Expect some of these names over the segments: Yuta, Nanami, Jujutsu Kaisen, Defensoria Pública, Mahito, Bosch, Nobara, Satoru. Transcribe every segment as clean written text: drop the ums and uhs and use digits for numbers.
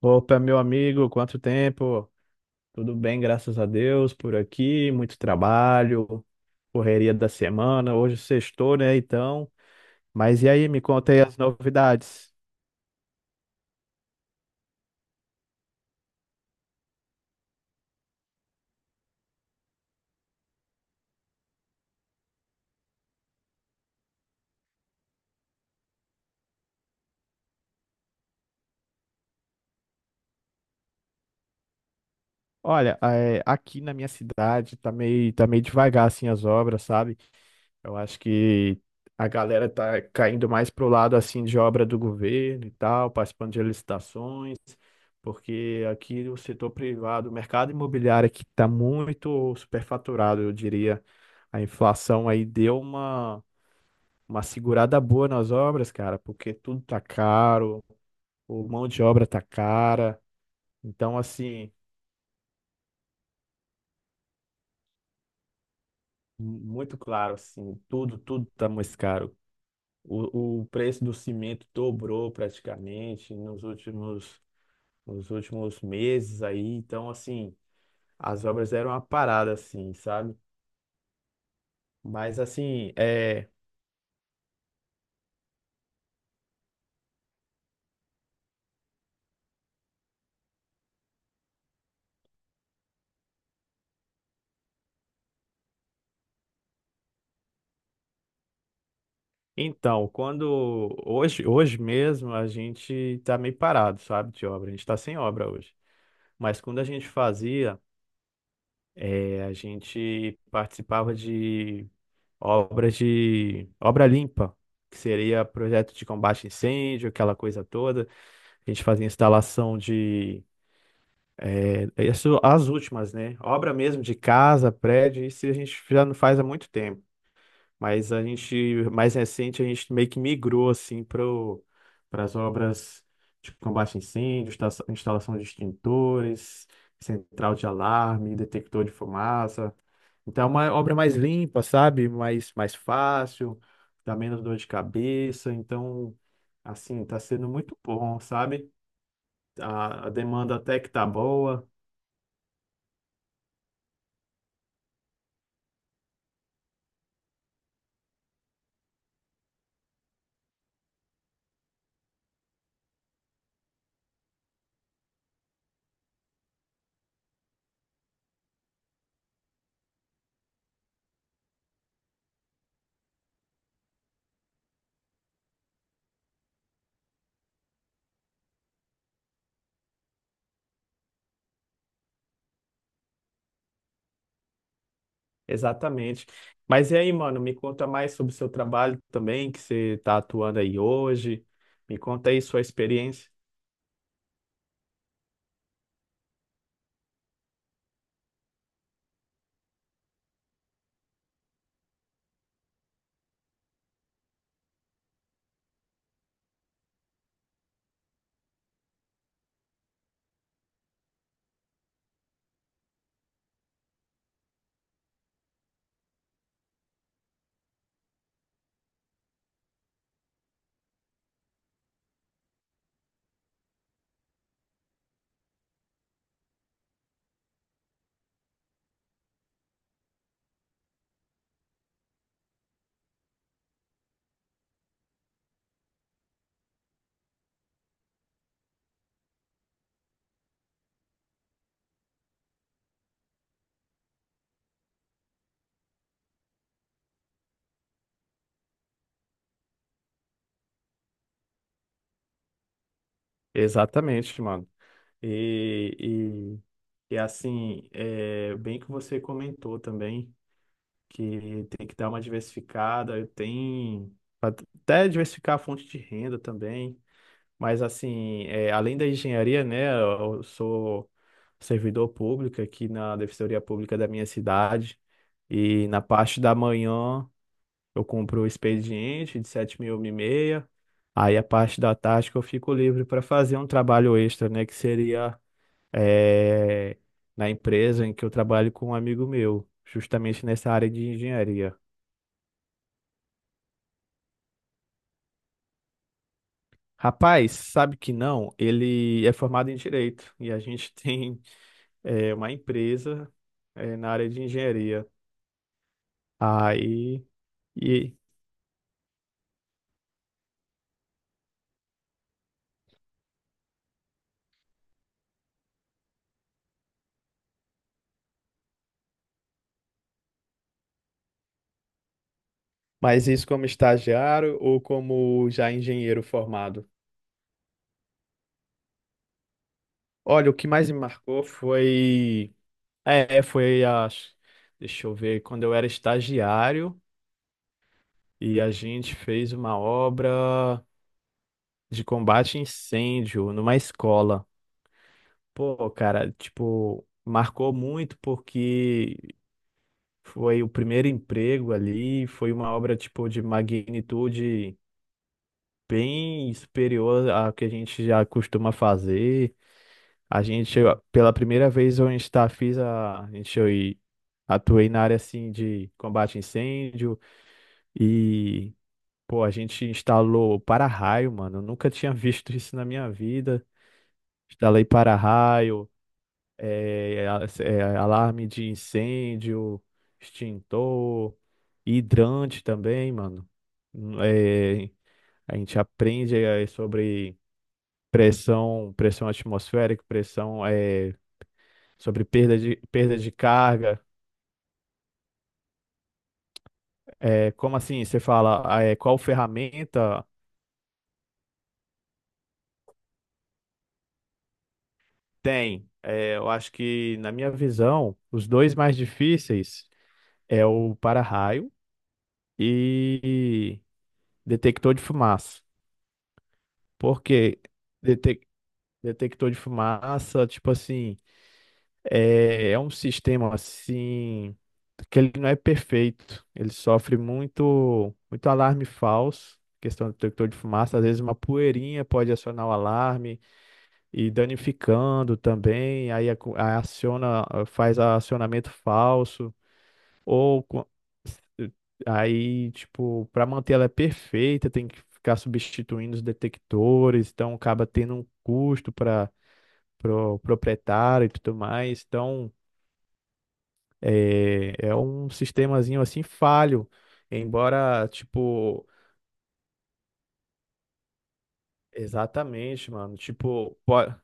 Opa, meu amigo, quanto tempo? Tudo bem, graças a Deus, por aqui, muito trabalho, correria da semana, hoje sextou, né, então. Mas e aí, me conta aí as novidades. Olha, é, aqui na minha cidade tá meio devagar, assim, as obras, sabe? Eu acho que a galera tá caindo mais pro lado assim de obra do governo e tal, participando de licitações, porque aqui o setor privado, o mercado imobiliário aqui está muito superfaturado, eu diria. A inflação aí deu uma segurada boa nas obras, cara, porque tudo tá caro, o mão de obra tá cara. Então, assim, muito claro, assim, tudo tá mais caro. O preço do cimento dobrou praticamente nos últimos meses aí. Então, assim, as obras eram uma parada, assim, sabe? Mas, assim, é... Então, quando... Hoje, hoje mesmo, a gente tá meio parado, sabe, de obra. A gente tá sem obra hoje. Mas quando a gente fazia, é, a gente participava de obras de... Obra limpa, que seria projeto de combate a incêndio, aquela coisa toda. A gente fazia instalação de. Isso, as últimas, né? Obra mesmo de casa, prédio, isso a gente já não faz há muito tempo. Mas a gente, mais recente, a gente meio que migrou assim para as obras de combate a incêndio, instalação de extintores, central de alarme, detector de fumaça. Então é uma obra mais limpa, sabe? Mais fácil, dá menos dor de cabeça. Então, assim, tá sendo muito bom, sabe? A demanda até que tá boa. Exatamente. Mas e aí, mano, me conta mais sobre o seu trabalho também, que você tá atuando aí hoje. Me conta aí sua experiência. Exatamente, mano. E, e, e assim, bem que você comentou também que tem que dar uma diversificada, tem até diversificar a fonte de renda também. Mas assim, além da engenharia, né, eu sou servidor público aqui na Defensoria Pública da minha cidade. E na parte da manhã eu cumpro o expediente de 7.000 e meia. Aí a parte da tarde que eu fico livre para fazer um trabalho extra, né, que seria é, na empresa em que eu trabalho com um amigo meu, justamente nessa área de engenharia. Rapaz, sabe que não? Ele é formado em direito e a gente tem uma empresa na área de engenharia. Aí, e, mas isso como estagiário ou como já engenheiro formado? Olha, o que mais me marcou foi, foi a, deixa eu ver, quando eu era estagiário e a gente fez uma obra de combate a incêndio numa escola. Pô, cara, tipo, marcou muito porque foi o primeiro emprego ali, foi uma obra, tipo, de magnitude bem superior à que a gente já costuma fazer. A gente, pela primeira vez, eu está fiz a gente, eu atuei na área, assim, de combate a incêndio e, pô, a gente instalou para-raio, mano, eu nunca tinha visto isso na minha vida. Instalei para-raio, alarme de incêndio, extintor, hidrante também, mano. Hum, é, a gente aprende sobre pressão, pressão atmosférica, pressão sobre perda de carga. É, como assim? Você fala, qual ferramenta tem? É, eu acho que, na minha visão, os dois mais difíceis é o para-raio e detector de fumaça. Porque detec- detector de fumaça, tipo assim, é um sistema assim que ele não é perfeito. Ele sofre muito, muito alarme falso. Questão do detector de fumaça, às vezes uma poeirinha pode acionar o alarme e danificando também, aí aciona, faz acionamento falso. Ou co- Aí, tipo, para manter ela é perfeita, tem que ficar substituindo os detectores, então acaba tendo um custo para o proprietário e tudo mais. Então, é um sistemazinho assim falho, embora, tipo, exatamente, mano, tipo,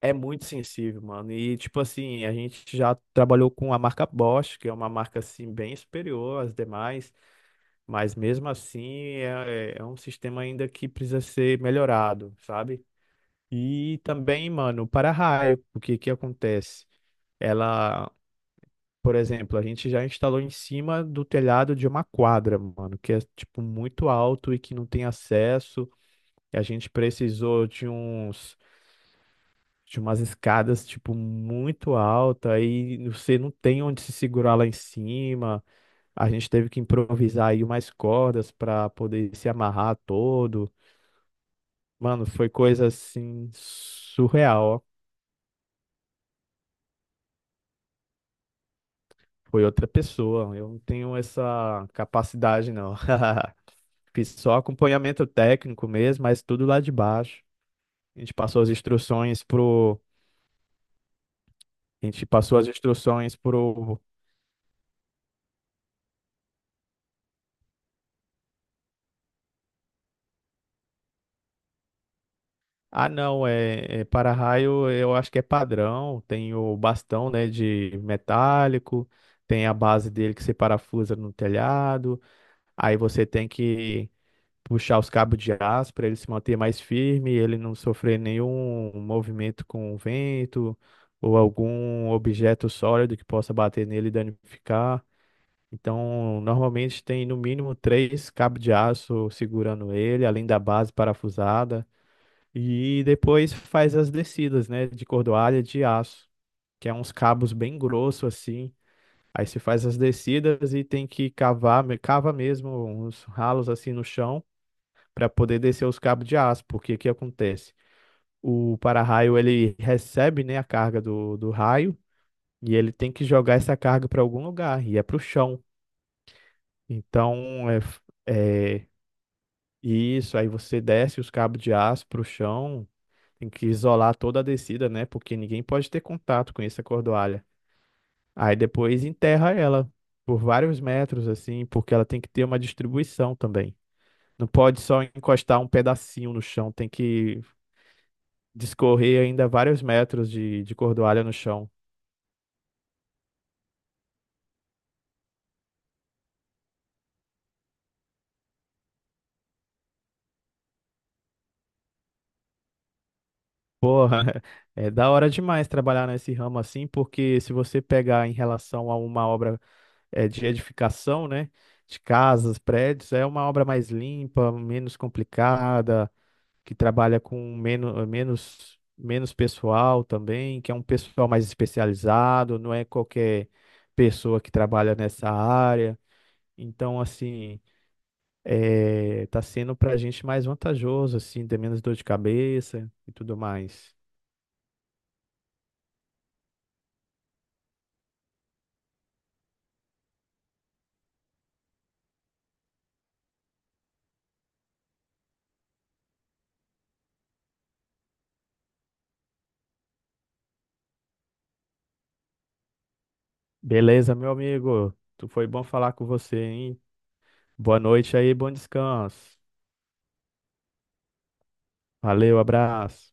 é muito sensível, mano. E, tipo assim, a gente já trabalhou com a marca Bosch, que é uma marca, assim, bem superior às demais. Mas mesmo assim é um sistema ainda que precisa ser melhorado, sabe? E também, mano, o para-raio, o que que acontece? Ela, por exemplo, a gente já instalou em cima do telhado de uma quadra, mano, que é tipo muito alto e que não tem acesso. E a gente precisou de umas escadas tipo muito alta e você não tem onde se segurar lá em cima. A gente teve que improvisar aí umas cordas para poder se amarrar todo. Mano, foi coisa assim surreal, ó. Foi outra pessoa. Eu não tenho essa capacidade, não. Fiz só acompanhamento técnico mesmo, mas tudo lá de baixo. A gente passou as instruções pro. A gente passou as instruções pro. Ah, não, é, é para-raio, eu acho que é padrão. Tem o bastão, né, de metálico, tem a base dele que se parafusa no telhado. Aí você tem que puxar os cabos de aço para ele se manter mais firme, ele não sofrer nenhum movimento com o vento ou algum objeto sólido que possa bater nele e danificar. Então, normalmente tem no mínimo três cabos de aço segurando ele, além da base parafusada. E depois faz as descidas, né, de cordoalha de aço, que é uns cabos bem grossos assim. Aí se faz as descidas e tem que cavar, cava mesmo uns ralos assim no chão para poder descer os cabos de aço, porque o que acontece? O para-raio ele recebe, né, a carga do raio e ele tem que jogar essa carga para algum lugar e é para o chão. Então, é isso. Aí você desce os cabos de aço para o chão, tem que isolar toda a descida, né, porque ninguém pode ter contato com essa cordoalha. Aí depois enterra ela por vários metros, assim, porque ela tem que ter uma distribuição também. Não pode só encostar um pedacinho no chão, tem que descorrer ainda vários metros de cordoalha no chão. Porra, é da hora demais trabalhar nesse ramo assim, porque se você pegar em relação a uma obra de edificação, né, de casas, prédios, é uma obra mais limpa, menos complicada, que trabalha com menos, menos, menos pessoal também, que é um pessoal mais especializado, não é qualquer pessoa que trabalha nessa área. Então, assim, tá sendo pra gente mais vantajoso, assim, ter menos dor de cabeça e tudo mais. Beleza, meu amigo. Tu foi bom falar com você, hein? Boa noite aí, bom descanso. Valeu, abraço.